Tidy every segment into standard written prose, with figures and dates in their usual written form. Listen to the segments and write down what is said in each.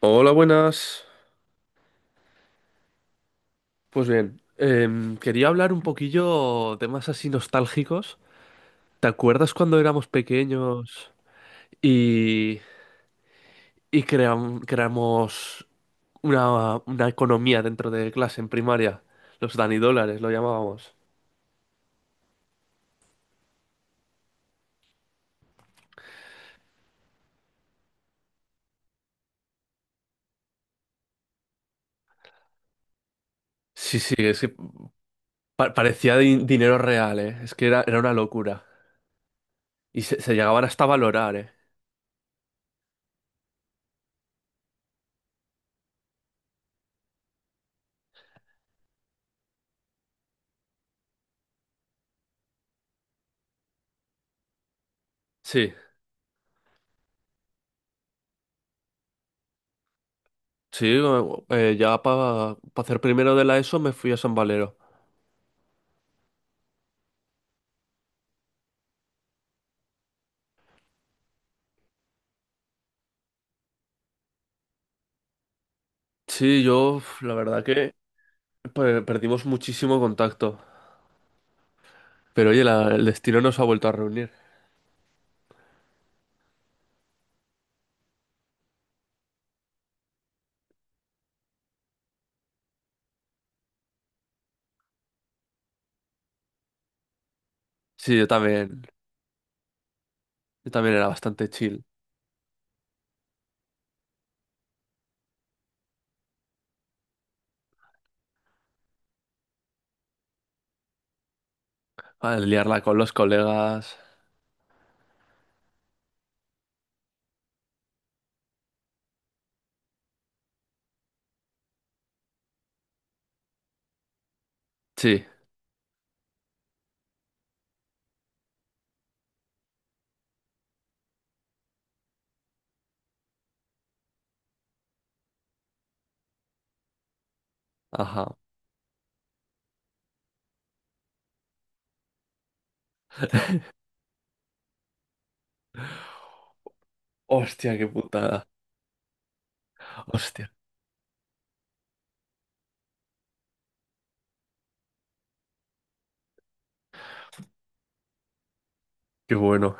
Hola, buenas. Pues bien, quería hablar un poquillo temas así nostálgicos. ¿Te acuerdas cuando éramos pequeños y, y creamos una economía dentro de clase en primaria? Los danidólares lo llamábamos. Sí, sí, es que parecía dinero real, ¿eh? Es que era una locura. Y se llegaban hasta a valorar, ¿eh? Sí, sí, ya para hacer primero de la ESO me fui a San Valero. Sí, yo, uf, la verdad que Perdimos muchísimo contacto, pero oye, el destino nos ha vuelto a reunir. Sí, yo también era bastante chill. Ah, liarla con los colegas. Sí, ajá. Hostia, qué putada. Hostia, qué bueno.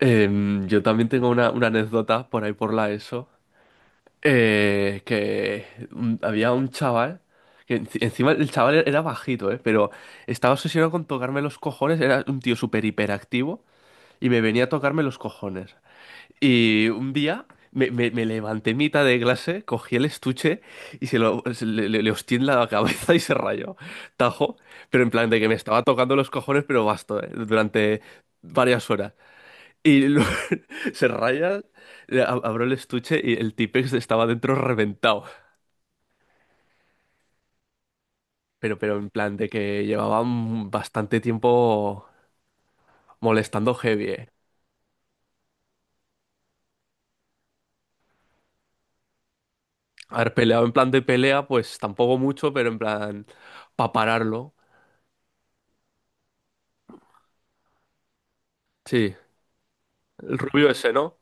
Yo también tengo una anécdota por ahí por la ESO, eh, que había un chaval, que encima el chaval era bajito, pero estaba obsesionado con tocarme los cojones, era un tío súper hiperactivo y me venía a tocarme los cojones. Y un día me levanté en mitad de clase, cogí el estuche y se lo se le, le- le hostié en la cabeza y se rayó. Tajo, pero en plan de que me estaba tocando los cojones, pero basto, durante varias horas. Y se raya, le abro el estuche y el Tipex estaba dentro reventado. Pero en plan de que llevaban bastante tiempo molestando heavy, eh. Haber peleado en plan de pelea, pues tampoco mucho, pero en plan para pararlo. Sí. El rubio ese, ¿no?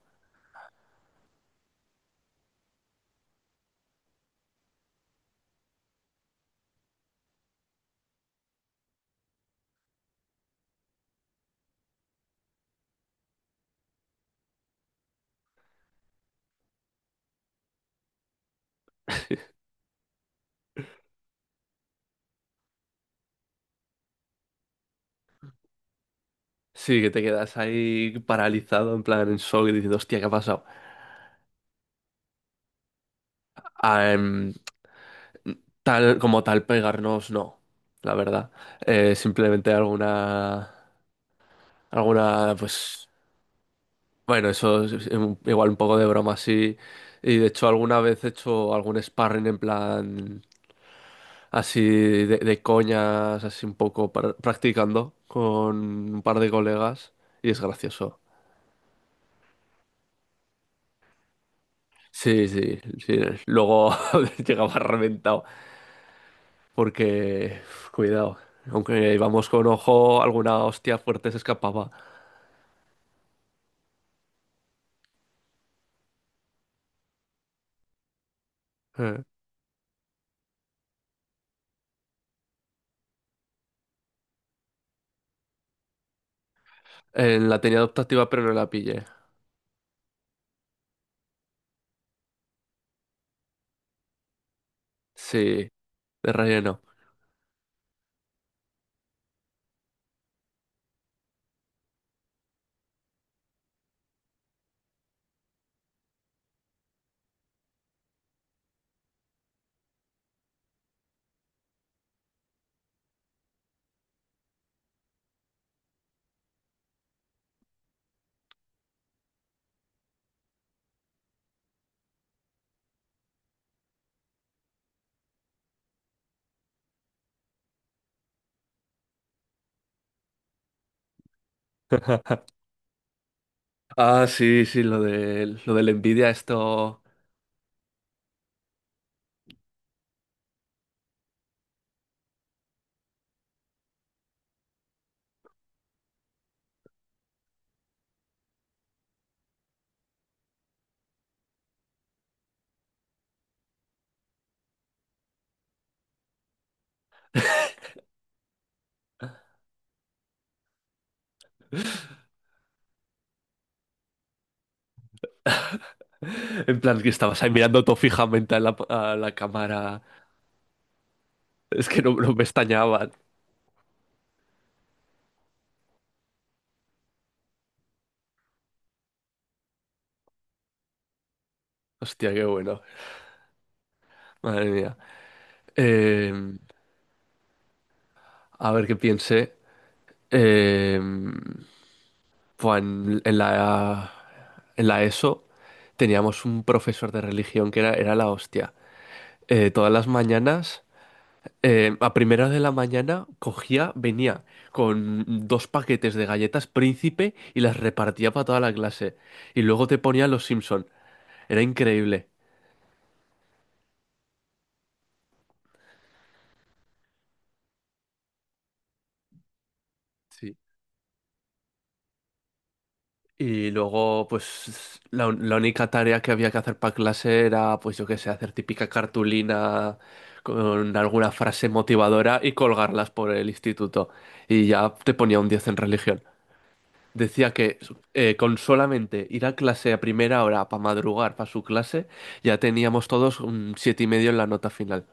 Sí, que te quedas ahí paralizado en plan en shock y diciendo, hostia, ¿qué ha pasado? Ah, tal como tal pegarnos, no, la verdad. Simplemente alguna, alguna, pues, bueno, eso es igual un poco de broma así. Y de hecho alguna vez he hecho algún sparring en plan así de coñas, así un poco practicando con un par de colegas y es gracioso. Sí, sí, sí. Luego llegaba reventado, porque uf, cuidado, aunque íbamos con ojo, alguna hostia fuerte se escapaba. Eh, la tenía adoptativa, pero no la pillé. Sí, de relleno. Ah, sí, sí, lo de la envidia, esto. En plan, que estabas ahí mirando todo fijamente a a la cámara. Es que no, no me extrañaban. Hostia, qué bueno. Madre mía. Eh, a ver qué piense. Eh, Pues en en la ESO teníamos un profesor de religión que era la hostia. Todas las mañanas, a primera de la mañana, cogía, venía con dos paquetes de galletas Príncipe y las repartía para toda la clase. Y luego te ponía Los Simpson. Era increíble. Sí. Y luego, pues, la única tarea que había que hacer para clase era, pues, yo qué sé, hacer típica cartulina con alguna frase motivadora y colgarlas por el instituto. Y ya te ponía un 10 en religión. Decía que con solamente ir a clase a primera hora para madrugar para su clase, ya teníamos todos un 7,5 en la nota final.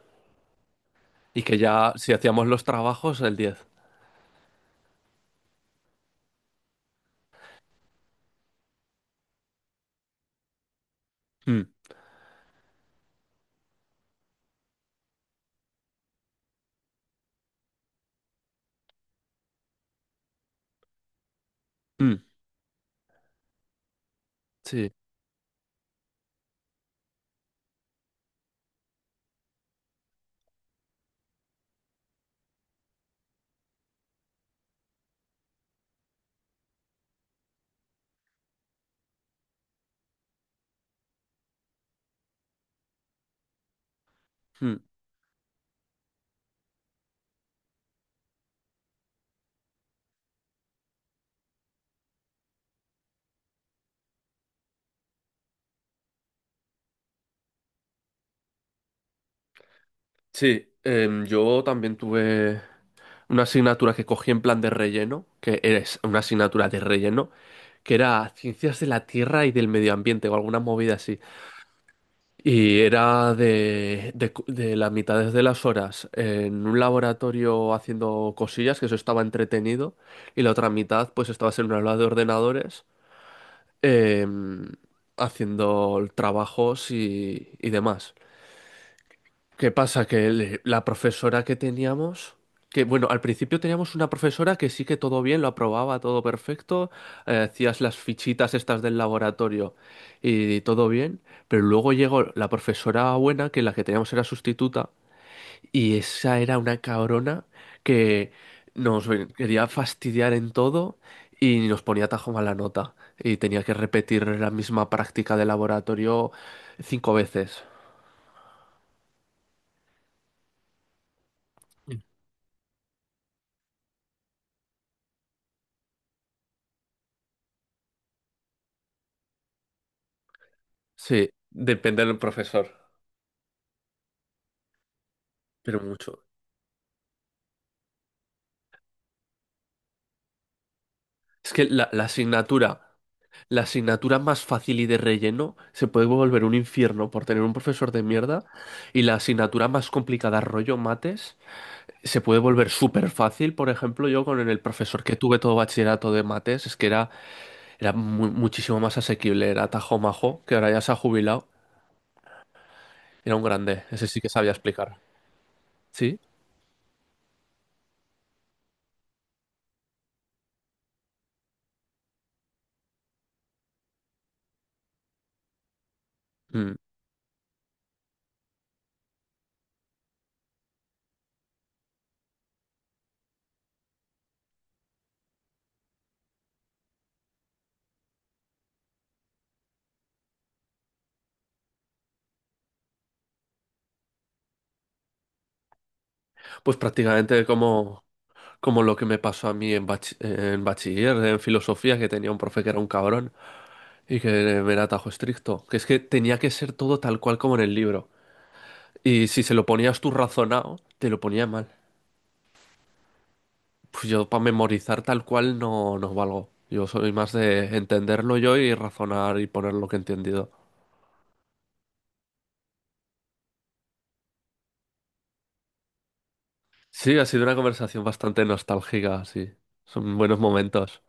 Y que ya, si hacíamos los trabajos, el 10. Mm, mm, sí, mm, sí. Yo también tuve una asignatura que cogí en plan de relleno, que es una asignatura de relleno, que era Ciencias de la Tierra y del Medio Ambiente o alguna movida así. Y era de las mitades de las horas en un laboratorio haciendo cosillas, que eso estaba entretenido, y la otra mitad pues estabas en una aula de ordenadores em, haciendo trabajos y demás. ¿Qué pasa? Que la profesora que teníamos, que bueno, al principio teníamos una profesora que sí que todo bien, lo aprobaba, todo perfecto, hacías las fichitas estas del laboratorio y todo bien, pero luego llegó la profesora buena, que la que teníamos era sustituta, y esa era una cabrona que quería fastidiar en todo y nos ponía tajo mala nota, y tenía que repetir la misma práctica de laboratorio 5 veces. Sí, depende del profesor, pero mucho. Es que la asignatura más fácil y de relleno se puede volver un infierno por tener un profesor de mierda y la asignatura más complicada, rollo mates, se puede volver súper fácil. Por ejemplo, yo con el profesor que tuve todo bachillerato de mates, es que era, era muchísimo más asequible, era Tajo Majo, que ahora ya se ha jubilado, era un grande, ese sí que sabía explicar. ¿Sí? Mm. Pues prácticamente como... Como lo que me pasó a mí en, en bachiller, en filosofía, que tenía un profe que era un cabrón y que me era tajo estricto. Que es que tenía que ser todo tal cual como en el libro. Y si se lo ponías tú razonado, te lo ponía mal. Pues yo para memorizar tal cual no, no valgo. Yo soy más de entenderlo yo y razonar y poner lo que he entendido. Sí, ha sido una conversación bastante nostálgica, sí. Son buenos momentos.